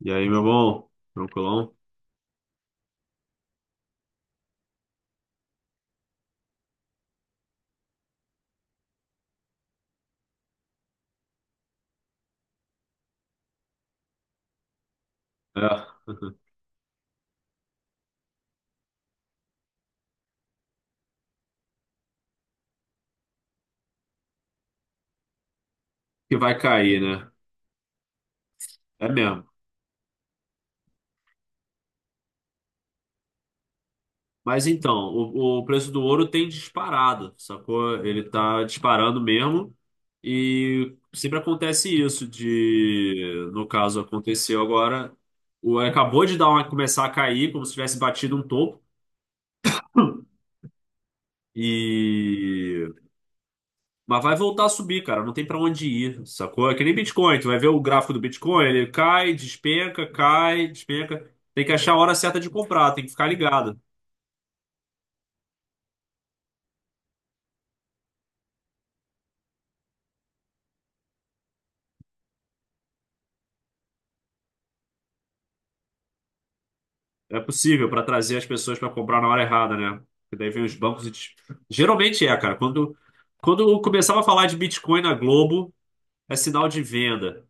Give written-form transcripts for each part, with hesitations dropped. E aí, meu bom? Tranquilão? É. Que vai cair, né? É mesmo. Mas então, o preço do ouro tem disparado, sacou? Ele tá disparando mesmo. E sempre acontece isso de, no caso, aconteceu agora, o acabou de dar uma, começar a cair, como se tivesse batido um topo. E Mas vai voltar a subir, cara. Não tem pra onde ir, sacou? É que nem Bitcoin. Tu vai ver o gráfico do Bitcoin, ele cai, despenca, cai, despenca. Tem que achar a hora certa de comprar, tem que ficar ligado. É possível pra trazer as pessoas pra comprar na hora errada, né? Porque daí vem os bancos e... Geralmente é, cara. Quando eu começava a falar de Bitcoin na Globo, é sinal de venda.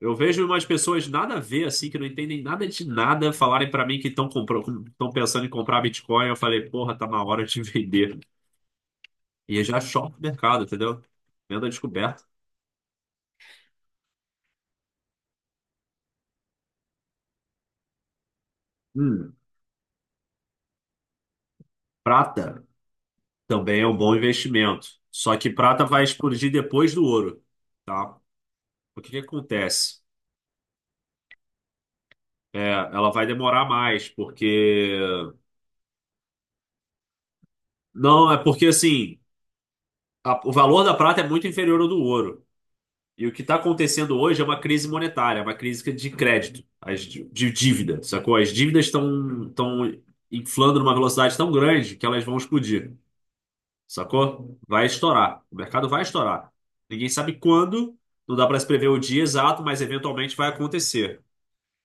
Eu vejo umas pessoas nada a ver, assim, que não entendem nada de nada, falarem pra mim que estão comprando, estão pensando em comprar Bitcoin. Eu falei, porra, tá na hora de vender. E é já short mercado, entendeu? Venda descoberta. Hum, prata também é um bom investimento. Só que prata vai explodir depois do ouro, tá? O que que acontece? É, ela vai demorar mais, porque... Não, é porque, assim, o valor da prata é muito inferior ao do ouro. E o que está acontecendo hoje é uma crise monetária, uma crise de crédito, as, de dívida, sacou? As dívidas estão inflando numa velocidade tão grande que elas vão explodir. Sacou? Vai estourar. O mercado vai estourar. Ninguém sabe quando, não dá para se prever o dia exato, mas eventualmente vai acontecer.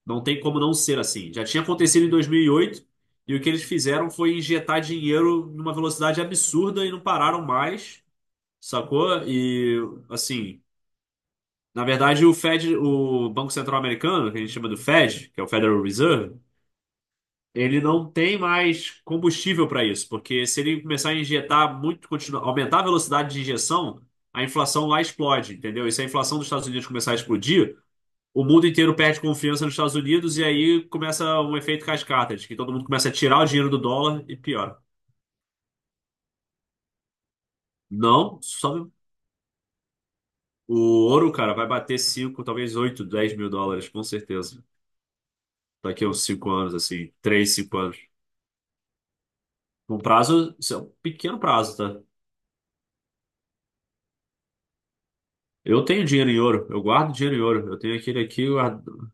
Não tem como não ser assim. Já tinha acontecido em 2008 e o que eles fizeram foi injetar dinheiro numa velocidade absurda e não pararam mais, sacou? E assim, na verdade, o Fed, o Banco Central Americano, que a gente chama do Fed, que é o Federal Reserve, ele não tem mais combustível para isso, porque se ele começar a injetar muito, continuar, aumentar a velocidade de injeção, a inflação lá explode, entendeu? E se a inflação dos Estados Unidos começar a explodir, o mundo inteiro perde confiança nos Estados Unidos e aí começa um efeito cascata, de que todo mundo começa a tirar o dinheiro do dólar e piora. Não, só o ouro, cara, vai bater 5, talvez 8, 10 mil dólares, com certeza. Daqui a uns 5 anos, assim, 3, 5 anos. Um prazo, isso é um pequeno prazo, tá? Eu tenho dinheiro em ouro, eu guardo dinheiro em ouro. Eu tenho aquele aqui,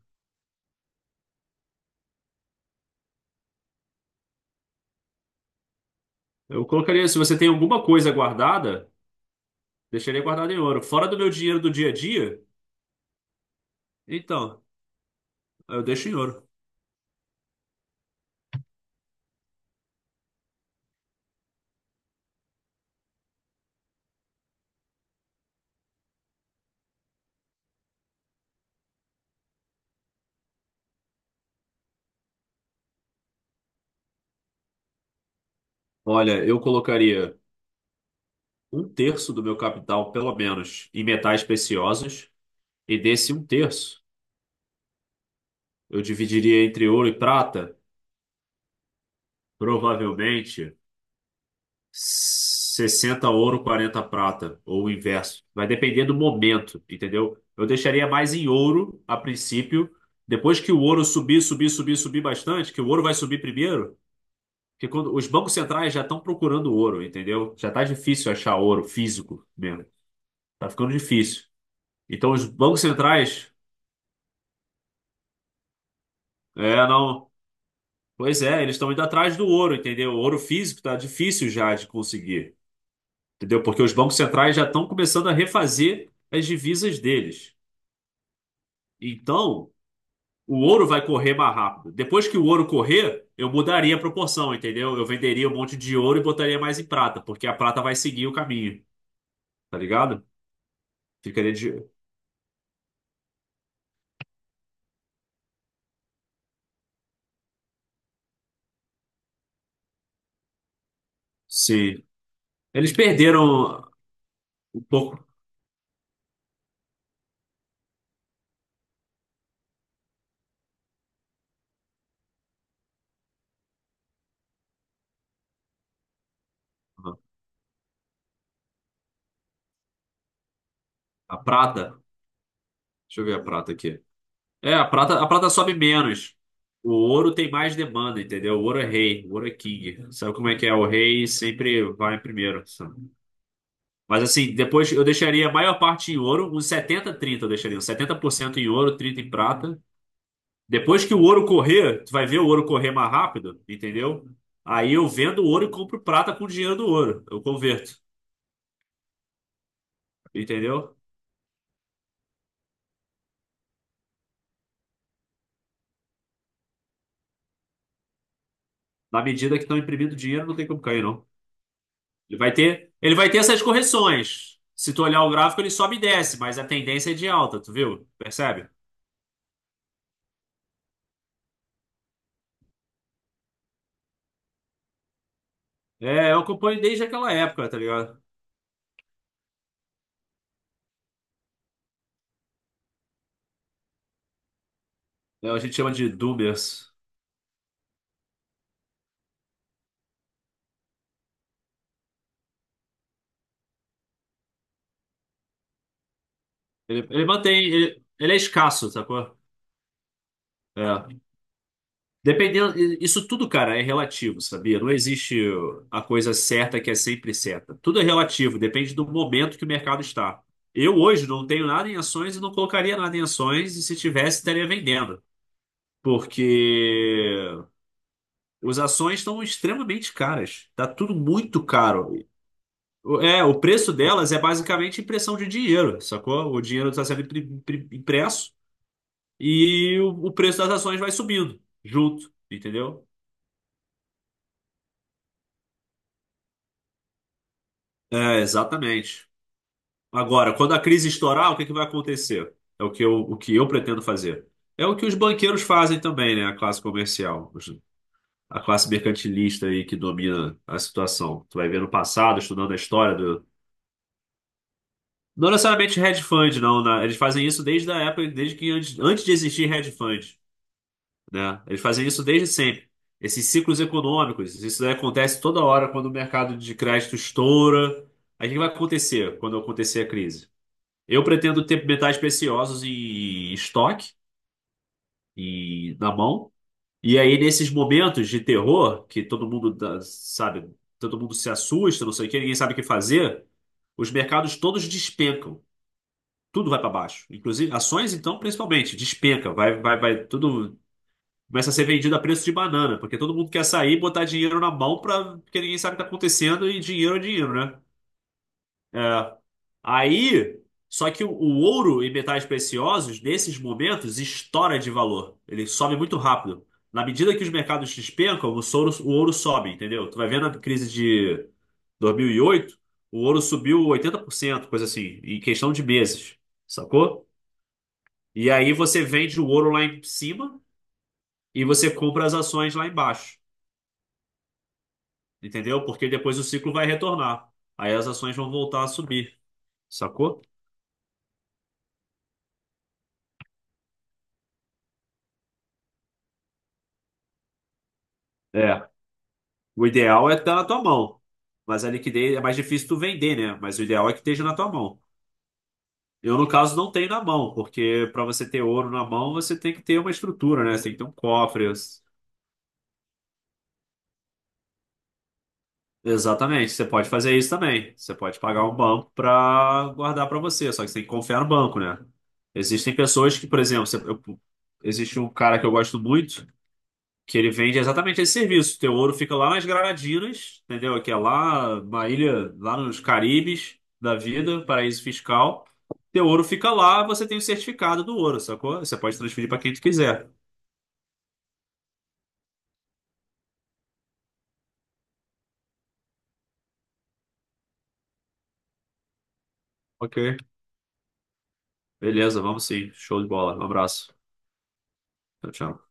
eu colocaria, se você tem alguma coisa guardada, deixaria guardado em ouro. Fora do meu dinheiro do dia a dia, então, eu deixo em ouro. Olha, eu colocaria um terço do meu capital, pelo menos, em metais preciosos, e desse um terço eu dividiria entre ouro e prata, provavelmente. Sessenta ouro, 40 prata, ou o inverso. Vai depender do momento, entendeu? Eu deixaria mais em ouro a princípio. Depois que o ouro subir, subir, subir, subir bastante, que o ouro vai subir primeiro, porque quando os bancos centrais já estão procurando ouro, entendeu? Já tá difícil achar ouro físico mesmo. Tá ficando difícil. Então os bancos centrais, é, não, pois é, eles estão indo atrás do ouro, entendeu? O ouro físico tá difícil já de conseguir. Entendeu? Porque os bancos centrais já estão começando a refazer as divisas deles. Então, o ouro vai correr mais rápido. Depois que o ouro correr, eu mudaria a proporção, entendeu? Eu venderia um monte de ouro e botaria mais em prata, porque a prata vai seguir o caminho, tá ligado? Ficaria de. Sim. Eles perderam um pouco a prata. Deixa eu ver a prata aqui. É, a prata sobe menos. O ouro tem mais demanda, entendeu? O ouro é rei, o ouro é king. Sabe como é que é? O rei sempre vai primeiro. Mas assim, depois eu deixaria a maior parte em ouro, uns 70 30 eu deixaria, uns 70% em ouro, 30 em prata. Depois que o ouro correr, tu vai ver o ouro correr mais rápido, entendeu? Aí eu vendo o ouro e compro prata com o dinheiro do ouro, eu converto, entendeu? Na medida que estão imprimindo dinheiro, não tem como cair, não. Ele vai ter essas correções. Se tu olhar o gráfico, ele sobe e desce, mas a tendência é de alta, tu viu? Percebe? É, eu acompanho desde aquela época, tá ligado? É, a gente chama de doomers. Ele mantém. Ele é escasso, sacou? É. Dependendo. Isso tudo, cara, é relativo, sabia? Não existe a coisa certa que é sempre certa. Tudo é relativo, depende do momento que o mercado está. Eu hoje não tenho nada em ações e não colocaria nada em ações, e se tivesse, estaria vendendo. Porque as ações estão extremamente caras. Tá tudo muito caro. É, o preço delas é basicamente impressão de dinheiro, sacou? O dinheiro está sendo impresso. E o preço das ações vai subindo junto, entendeu? É, exatamente. Agora, quando a crise estourar, o que que vai acontecer? É o que eu pretendo fazer. É o que os banqueiros fazem também, né? A classe comercial, a classe mercantilista aí que domina a situação. Tu vai ver no passado, estudando a história do. Não necessariamente hedge fund, não, né? Eles fazem isso desde a época, desde que antes, de existir hedge fund. Né? Eles fazem isso desde sempre. Esses ciclos econômicos, isso daí acontece toda hora quando o mercado de crédito estoura. Aí o que vai acontecer quando acontecer a crise? Eu pretendo ter metais preciosos em estoque, e na mão. E aí, nesses momentos de terror, que todo mundo, sabe, todo mundo se assusta, não sei o quê, ninguém sabe o que fazer, os mercados todos despencam. Tudo vai para baixo. Inclusive, ações, então, principalmente, despenca. Vai, vai, vai, tudo. Começa a ser vendido a preço de banana, porque todo mundo quer sair e botar dinheiro na mão pra, porque ninguém sabe o que tá acontecendo e dinheiro é dinheiro, né? É. Aí, só que o ouro e metais preciosos, nesses momentos, estoura de valor. Ele sobe muito rápido. Na medida que os mercados despencam, o ouro sobe, entendeu? Tu vai vendo a crise de 2008 o ouro subiu 80% coisa assim, em questão de meses, sacou? E aí você vende o ouro lá em cima e você compra as ações lá embaixo. Entendeu? Porque depois o ciclo vai retornar. Aí as ações vão voltar a subir, sacou? É. O ideal é estar na tua mão. Mas a liquidez é mais difícil tu vender, né? Mas o ideal é que esteja na tua mão. Eu, no caso, não tenho na mão, porque para você ter ouro na mão, você tem que ter uma estrutura, né? Você tem que ter um cofre. Exatamente. Você pode fazer isso também. Você pode pagar um banco para guardar para você, só que você tem que confiar no banco, né? Existem pessoas que, por exemplo, existe um cara que eu gosto muito, que ele vende exatamente esse serviço. Teu ouro fica lá nas Granadinas, entendeu? Que é lá, uma ilha, lá nos Caribes da vida, paraíso fiscal. Teu ouro fica lá, você tem o certificado do ouro, sacou? Você pode transferir para quem tu quiser. Ok. Beleza, vamos sim. Show de bola. Um abraço. Tchau, tchau.